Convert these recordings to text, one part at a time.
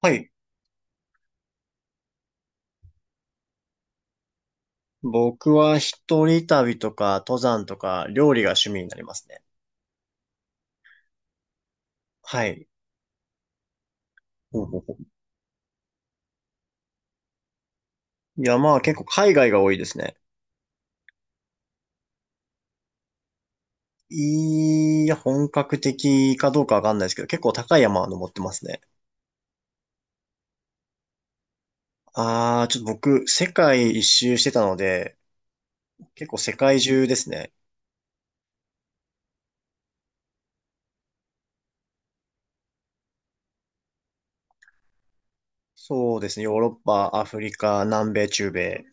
はい。僕は一人旅とか登山とか料理が趣味になりますね。はい。ほうほうほう。いや、まあ結構海外が多いですね。いや、本格的かどうかわかんないですけど、結構高い山は登ってますね。ああ、ちょっと僕、世界一周してたので、結構世界中ですね。そうですね。ヨーロッパ、アフリカ、南米、中米。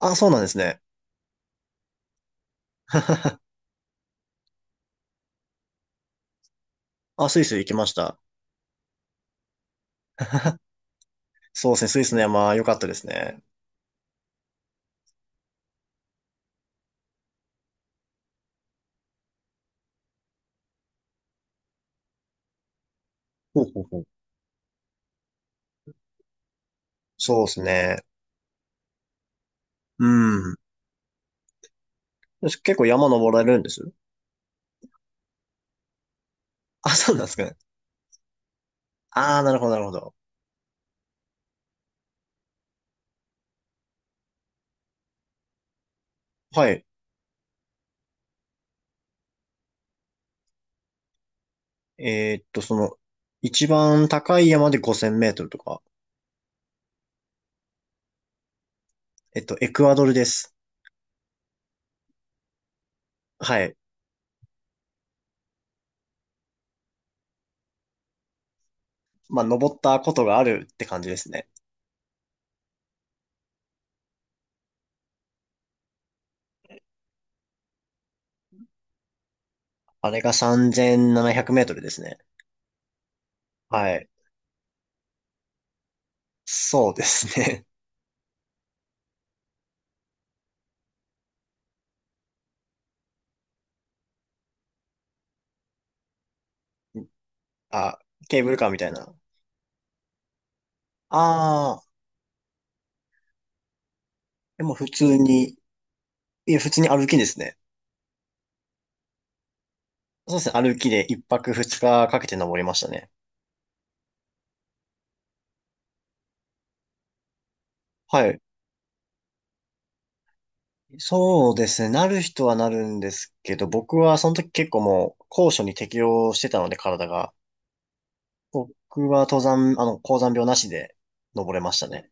あ、そうなんですね。あ、スイス行きました。そうですね。スイスの山、良かったですね。ほうほうほう。そうですね。うん。よし結構山登られるんです？あ、そうなんですかね。ああ、なるほど、なるほど。はい。その、一番高い山で5000メートルとか、エクアドルです。はい。まあ、登ったことがあるって感じですね。あれが3700メートルですね。はい。そうですね。あ、ケーブルカーみたいな。ああ、でも普通に、いや、普通に歩きですね。そうですね。歩きで一泊二日かけて登りましたね。はい。そうですね。なる人はなるんですけど、僕はその時結構もう高所に適応してたので体が。僕は登山、高山病なしで登れましたね。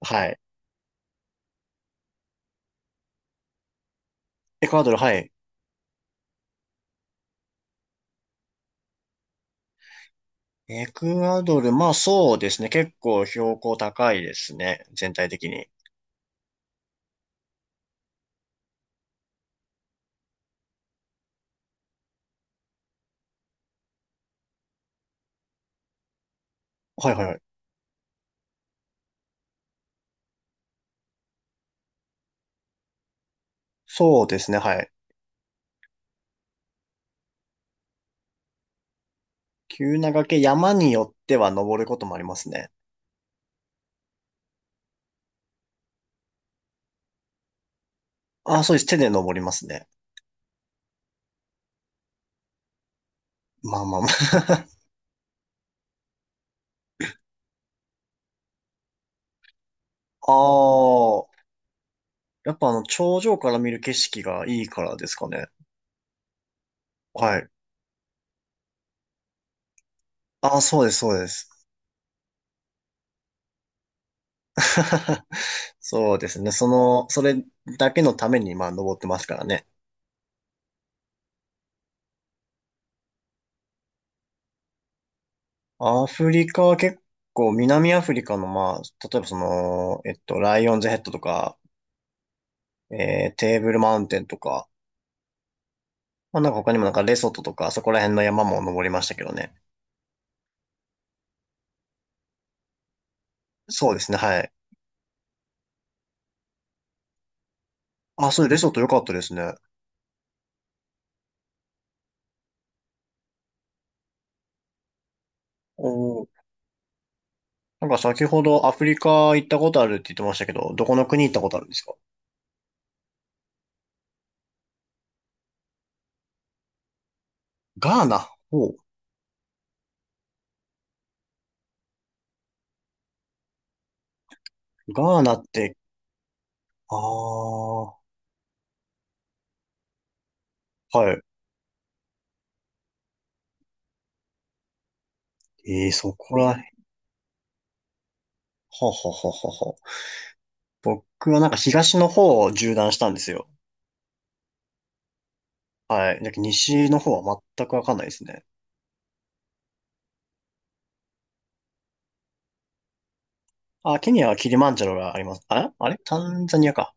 はい。エクアドル、はい。エクアドル、まあそうですね。結構標高高いですね。全体的に。はいはいはい。そうですね、はい。急な崖、山によっては登ることもありますね。あ、そうです。手で登りますね。まあまあまあ。ああ、やっぱ頂上から見る景色がいいからですかね。はい。あ、そうです、そうです。そうですね。それだけのために、まあ、登ってますからね。アフリカは結構、南アフリカの、まあ、例えばその、ライオンズヘッドとか、テーブルマウンテンとか、まあ、なんか他にもなんかレソトとか、そこら辺の山も登りましたけどね。そうですね、はい。あ、そう、レソト良かったですね。おー。なんか先ほどアフリカ行ったことあるって言ってましたけど、どこの国行ったことあるんですか？ガーナ。おう。ガーナって。ああ、はい。ええ、そこらへん。はははあはあはあ。僕はなんか東の方を縦断したんですよ。はい。だけど西の方は全くわかんないですね。あ、ケニアはキリマンジャロがあります。あれタンザニアか。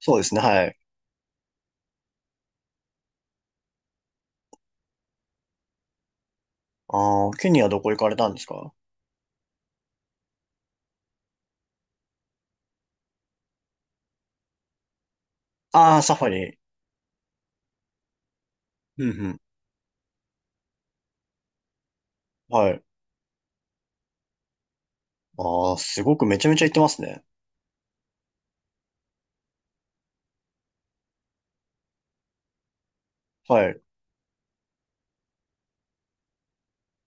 そうですね、はい。ああ、ケニアどこ行かれたんですか？ああー、サファリ。うんうん。はい。ああ、すごくめちゃめちゃ行ってますね。はい。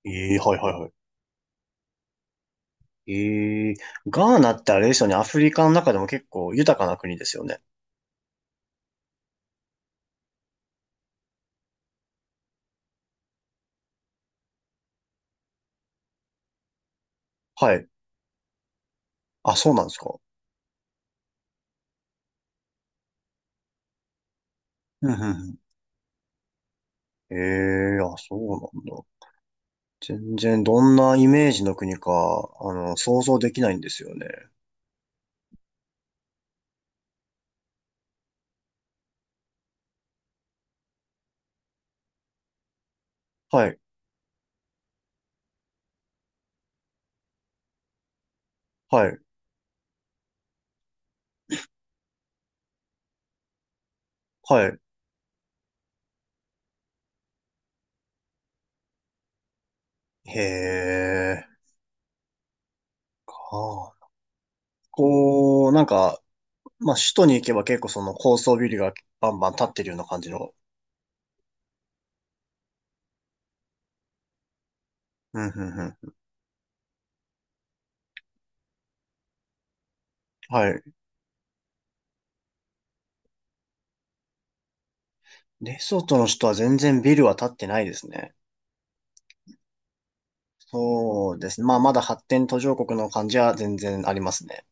ええ、はいはいはい。ええ、ガーナってあれですよね。アフリカの中でも結構豊かな国ですよね。はい。あ、そうなんですか。うんうんうん。ええ。あ、そうなんだ。全然どんなイメージの国か、あの、想像できないんですよね。はい、はい、はい。へえ、はあ。こう、なんか、まあ、首都に行けば結構その高層ビルがバンバン立ってるような感じの。うん、うん、うん。はい。レソトの首都は全然ビルは立ってないですね。そうですね。まあ、まだ発展途上国の感じは全然ありますね。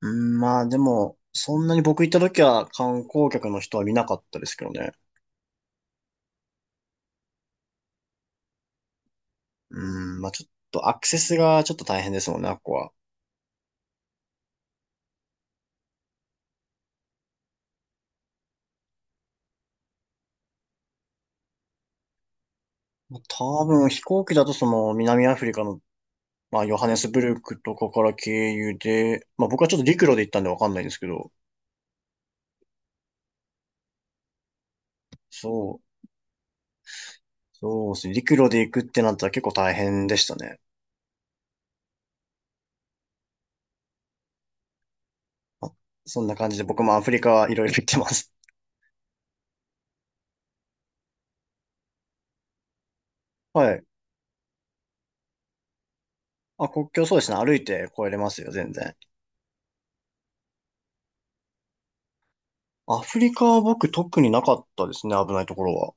うん、まあ、でも、そんなに僕行った時は観光客の人は見なかったですけどね。うん、まあちょっとアクセスがちょっと大変ですもんね、あっこは。まあ多分飛行機だとその南アフリカの、まあ、ヨハネスブルクとかから経由で、まあ僕はちょっと陸路で行ったんでわかんないんですけど、そう、そうですね。陸路で行くってなったら結構大変でしたね。まあそんな感じで僕もアフリカいろいろ行ってます。はい。あ、国境そうですね。歩いて越えれますよ、全然。アフリカは僕特になかったですね、危ないところは。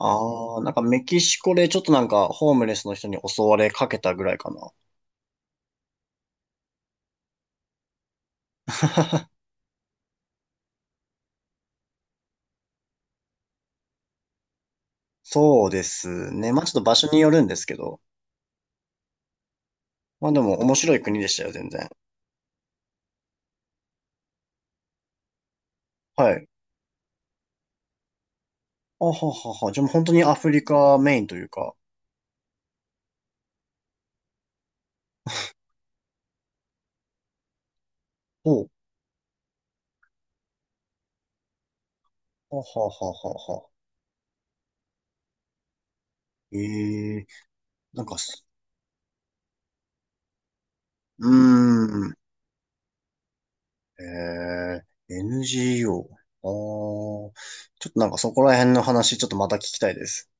ああ、なんかメキシコでちょっとなんかホームレスの人に襲われかけたぐらいかな。そうですね。まあちょっと場所によるんですけど。まあでも面白い国でしたよ、全然。はい。あははは。じゃあもう本当にアフリカメインというか。ほう。あはははは。ええー。なんかす、うーん。ええ NGO。ああ。ちょっとなんかそこら辺の話、ちょっとまた聞きたいです。